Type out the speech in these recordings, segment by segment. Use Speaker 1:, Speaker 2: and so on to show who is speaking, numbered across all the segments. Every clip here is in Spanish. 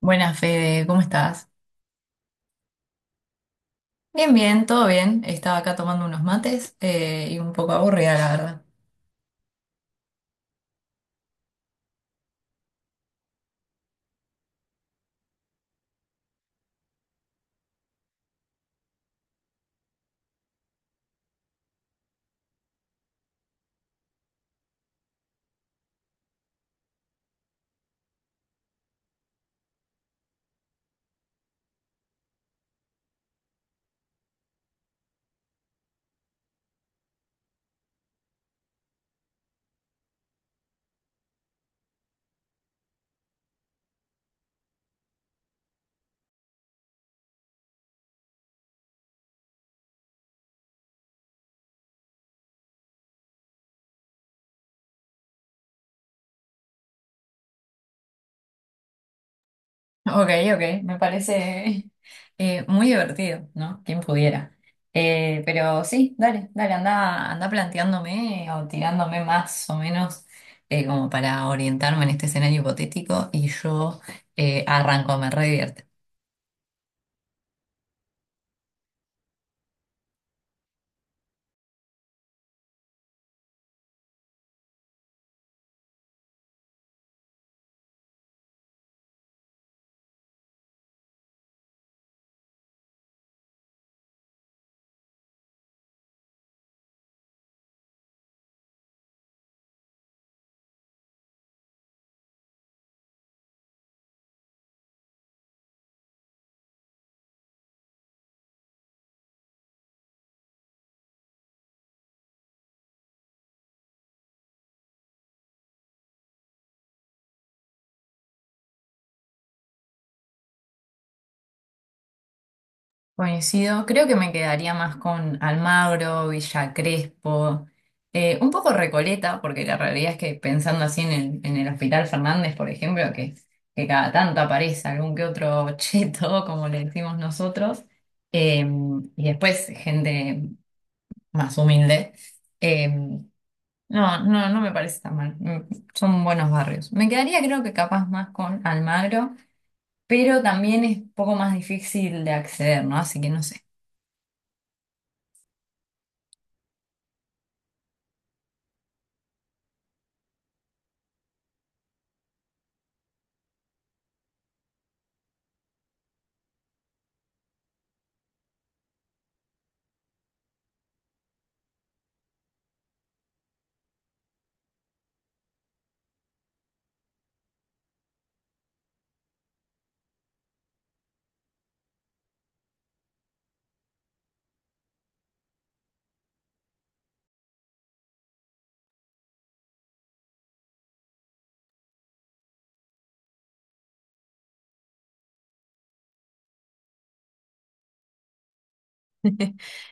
Speaker 1: Buenas, Fede, ¿cómo estás? Bien, bien, todo bien. Estaba acá tomando unos mates, y un poco aburrida, la verdad. Ok, ok, me parece muy divertido, ¿no? Quien pudiera. Pero sí, dale, dale, anda, anda planteándome o tirándome más o menos, como para orientarme en este escenario hipotético y yo arranco, me re divierte. Coincido, creo que me quedaría más con Almagro, Villa Crespo, un poco Recoleta, porque la realidad es que pensando así en el Hospital Fernández, por ejemplo, que cada tanto aparece algún que otro cheto, como le decimos nosotros, eh, y después gente más humilde, no, no, no me parece tan mal. Mm, son buenos barrios. Me quedaría, creo que capaz más con Almagro, pero también es un poco más difícil de acceder, ¿no? Así que no sé.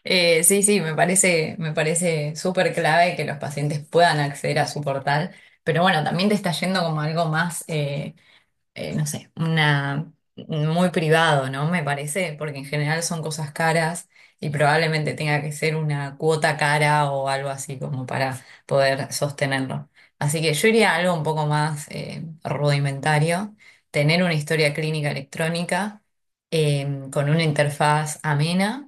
Speaker 1: Sí, sí, me parece súper clave que los pacientes puedan acceder a su portal, pero bueno, también te está yendo como algo más, no sé, una, muy privado, ¿no? Me parece, porque en general son cosas caras y probablemente tenga que ser una cuota cara o algo así como para poder sostenerlo. Así que yo iría a algo un poco más rudimentario, tener una historia clínica electrónica eh, con una interfaz amena,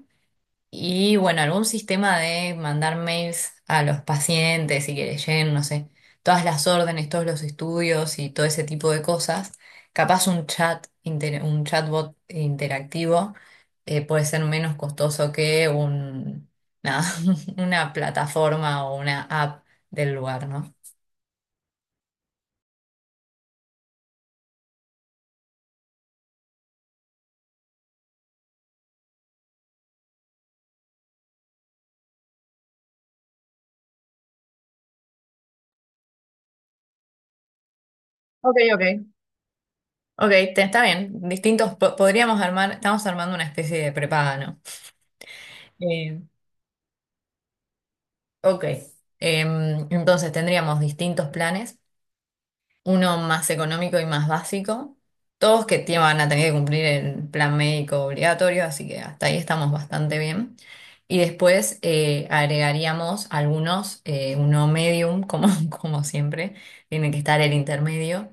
Speaker 1: y bueno, algún sistema de mandar mails a los pacientes y que les lleguen, no sé, todas las órdenes, todos los estudios y todo ese tipo de cosas. Capaz un chat, un chatbot interactivo, puede ser menos costoso que un, nada, una plataforma o una app del lugar, ¿no? Ok, ok. Ok, está bien. Distintos, podríamos armar, estamos armando una especie de prepaga, ¿no? Eh, ok. Entonces tendríamos distintos planes. Uno más económico y más básico. Todos que van a tener que cumplir el plan médico obligatorio, así que hasta ahí estamos bastante bien. Y después agregaríamos algunos, uno medium, como, como siempre, tiene que estar el intermedio,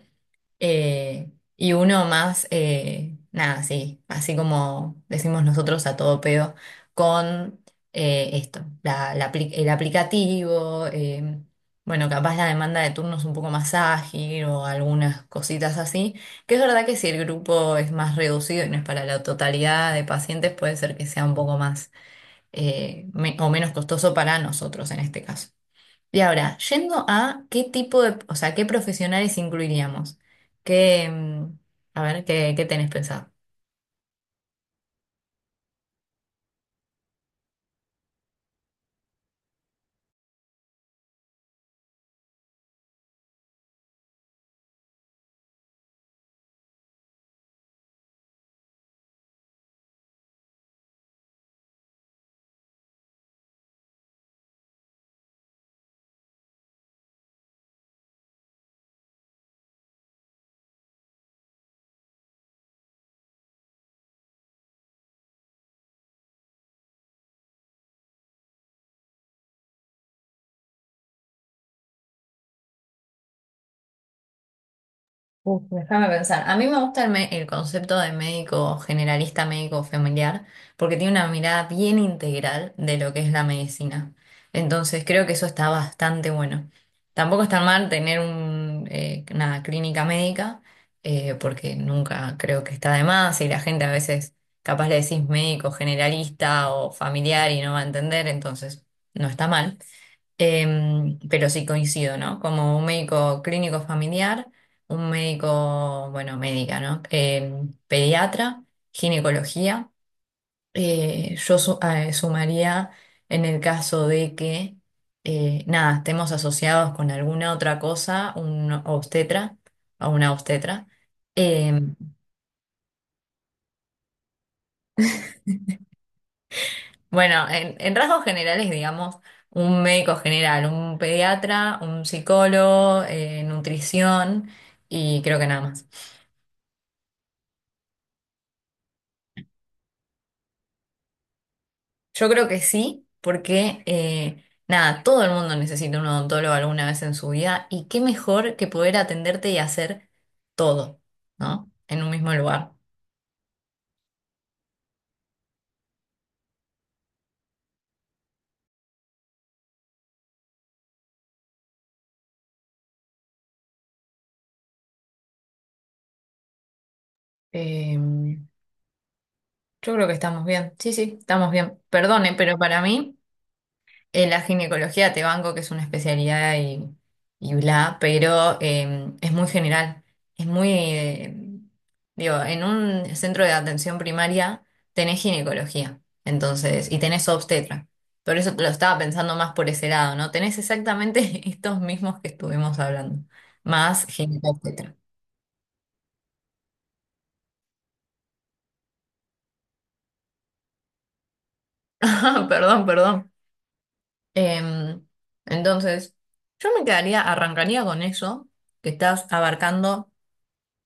Speaker 1: eh, y uno más, nada, sí, así como decimos nosotros a todo pedo, con esto, el aplicativo, bueno, capaz la demanda de turnos un poco más ágil o algunas cositas así, que es verdad que si el grupo es más reducido y no es para la totalidad de pacientes, puede ser que sea un poco más o menos costoso para nosotros en este caso. Y ahora, yendo a qué tipo de, o sea, qué profesionales incluiríamos. ¿Qué, mm, a ver, qué, qué tenés pensado? Uf, déjame pensar. A mí me gusta el concepto de médico generalista, médico familiar, porque tiene una mirada bien integral de lo que es la medicina. Entonces creo que eso está bastante bueno. Tampoco está mal tener un, una clínica médica, porque nunca creo que está de más y la gente a veces capaz le decís médico generalista o familiar y no va a entender, entonces no está mal. Pero sí coincido, ¿no? Como un médico clínico familiar, un médico, bueno, médica, ¿no? Em, pediatra, ginecología. Yo sumaría en el caso de que, nada, estemos asociados con alguna otra cosa, un obstetra o una obstetra. Em, Bueno, en rasgos generales, digamos, un médico general, un pediatra, un psicólogo, nutrición, y creo que nada más. Yo creo que sí, porque nada, todo el mundo necesita un odontólogo alguna vez en su vida, y qué mejor que poder atenderte y hacer todo, ¿no? En un mismo lugar. Eh, yo creo que estamos bien, sí, sí, estamos bien. Perdone, pero para mí... En la ginecología te banco, que es una especialidad y bla, pero es muy general. Es muy, digo, en un centro de atención primaria tenés ginecología, entonces, y tenés obstetra. Por eso te lo estaba pensando más por ese lado, ¿no? Tenés exactamente estos mismos que estuvimos hablando, más gineco-obstetra. Perdón, perdón. Em, entonces, yo me quedaría, arrancaría con eso que estás abarcando.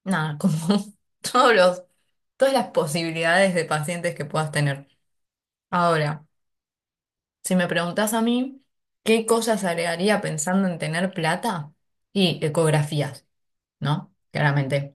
Speaker 1: Nada, como todos los, todas las posibilidades de pacientes que puedas tener. Ahora, si me preguntas a mí, ¿qué cosas agregaría pensando en tener plata? Y ecografías, ¿no? Claramente.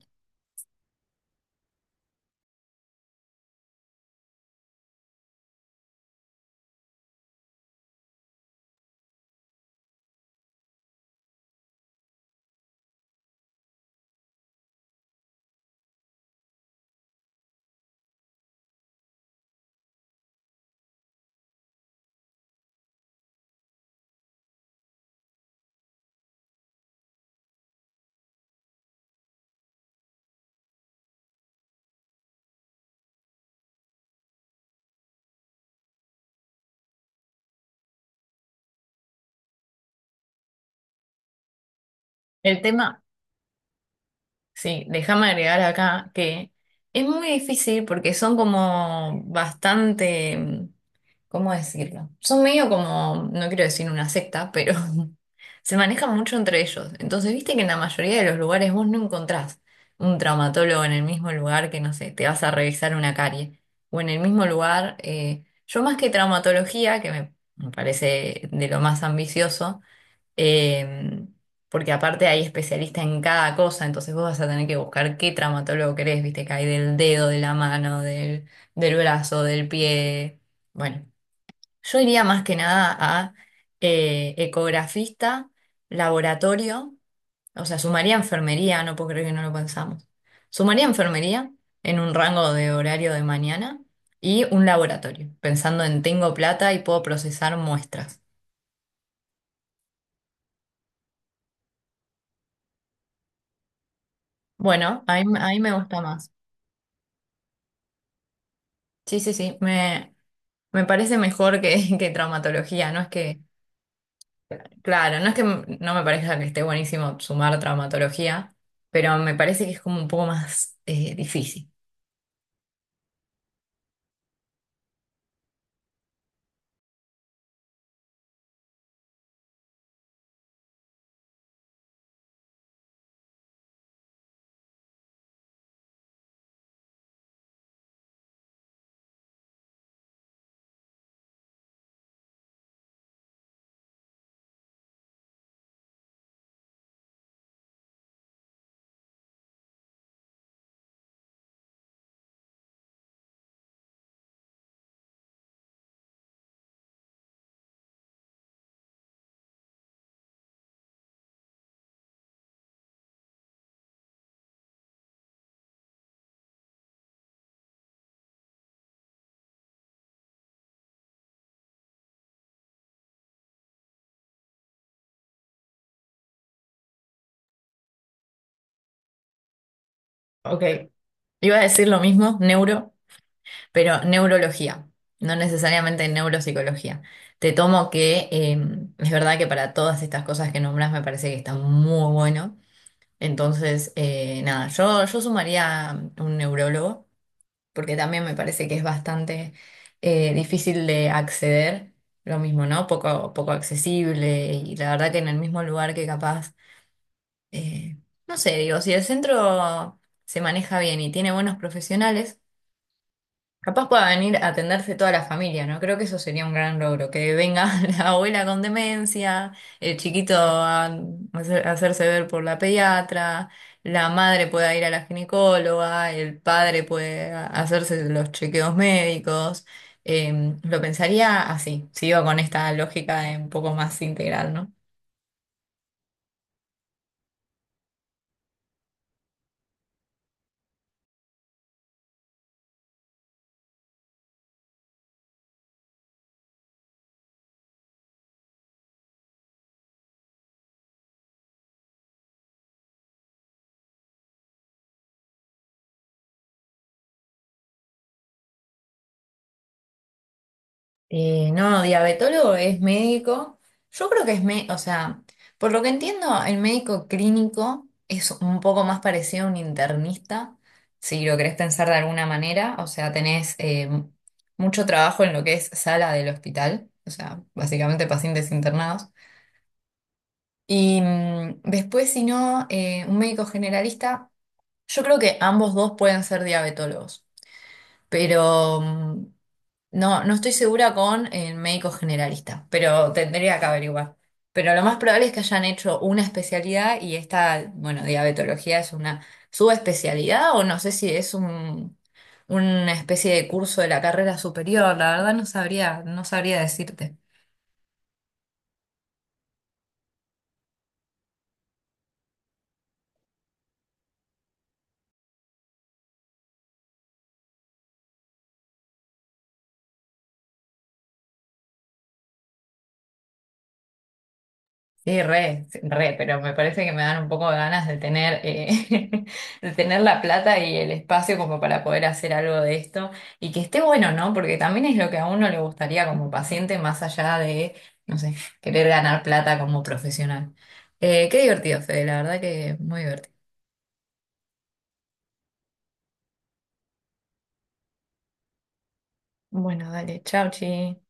Speaker 1: El tema, sí, déjame agregar acá que es muy difícil porque son como bastante, mm, ¿cómo decirlo? Son medio como, no quiero decir una secta, pero se manejan mucho entre ellos. Entonces, viste que en la mayoría de los lugares vos no encontrás un traumatólogo en el mismo lugar que, no sé, te vas a revisar una carie. O en el mismo lugar, yo más que traumatología, que me parece de lo más ambicioso, eh, porque aparte hay especialistas en cada cosa, entonces vos vas a tener que buscar qué traumatólogo querés, viste, que hay del dedo, de la mano, del brazo, del pie. Bueno, yo iría más que nada a ecografista, laboratorio, o sea, sumaría enfermería, no puedo creer que no lo pensamos. Sumaría enfermería en un rango de horario de mañana y un laboratorio, pensando en tengo plata y puedo procesar muestras. Bueno, a mí me gusta más. Sí, sí, sí, me parece mejor que, que traumatología, no es que, claro, no me parezca que esté buenísimo sumar traumatología, pero me parece que es como un poco más difícil. Ok, iba a decir lo mismo, neuro, pero neurología, no necesariamente neuropsicología. Te tomo que es verdad que para todas estas cosas que nombras me parece que está muy bueno, entonces, nada, yo sumaría un neurólogo, porque también me parece que es bastante difícil de acceder, lo mismo, ¿no? Poco, poco accesible, y la verdad que en el mismo lugar que capaz, eh, no sé, digo, si el centro se maneja bien y tiene buenos profesionales, capaz pueda venir a atenderse toda la familia, ¿no? Creo que eso sería un gran logro, que venga la abuela con demencia, el chiquito a a hacerse ver por la pediatra, la madre pueda ir a la ginecóloga, el padre puede hacerse los chequeos médicos. Lo pensaría así, si iba con esta lógica de un poco más integral, ¿no? No, diabetólogo es médico. Yo creo que es, o sea, por lo que entiendo, el médico clínico es un poco más parecido a un internista, si lo querés pensar de alguna manera. O sea, tenés mucho trabajo en lo que es sala del hospital, o sea, básicamente pacientes internados. Y mm, después, si no, un médico generalista, yo creo que ambos dos pueden ser diabetólogos, pero... mm, no, no estoy segura con el médico generalista, pero tendría que averiguar. Pero lo más probable es que hayan hecho una especialidad, y esta, bueno, diabetología es una subespecialidad o no sé si es un, una especie de curso de la carrera superior. La verdad no sabría, no sabría decirte. Sí, re, pero me parece que me dan un poco de ganas de tener, de tener la plata y el espacio como para poder hacer algo de esto y que esté bueno, ¿no? Porque también es lo que a uno le gustaría como paciente más allá de, no sé, querer ganar plata como profesional. Qué divertido, Fede, la verdad que muy divertido. Bueno, dale, chau, chi.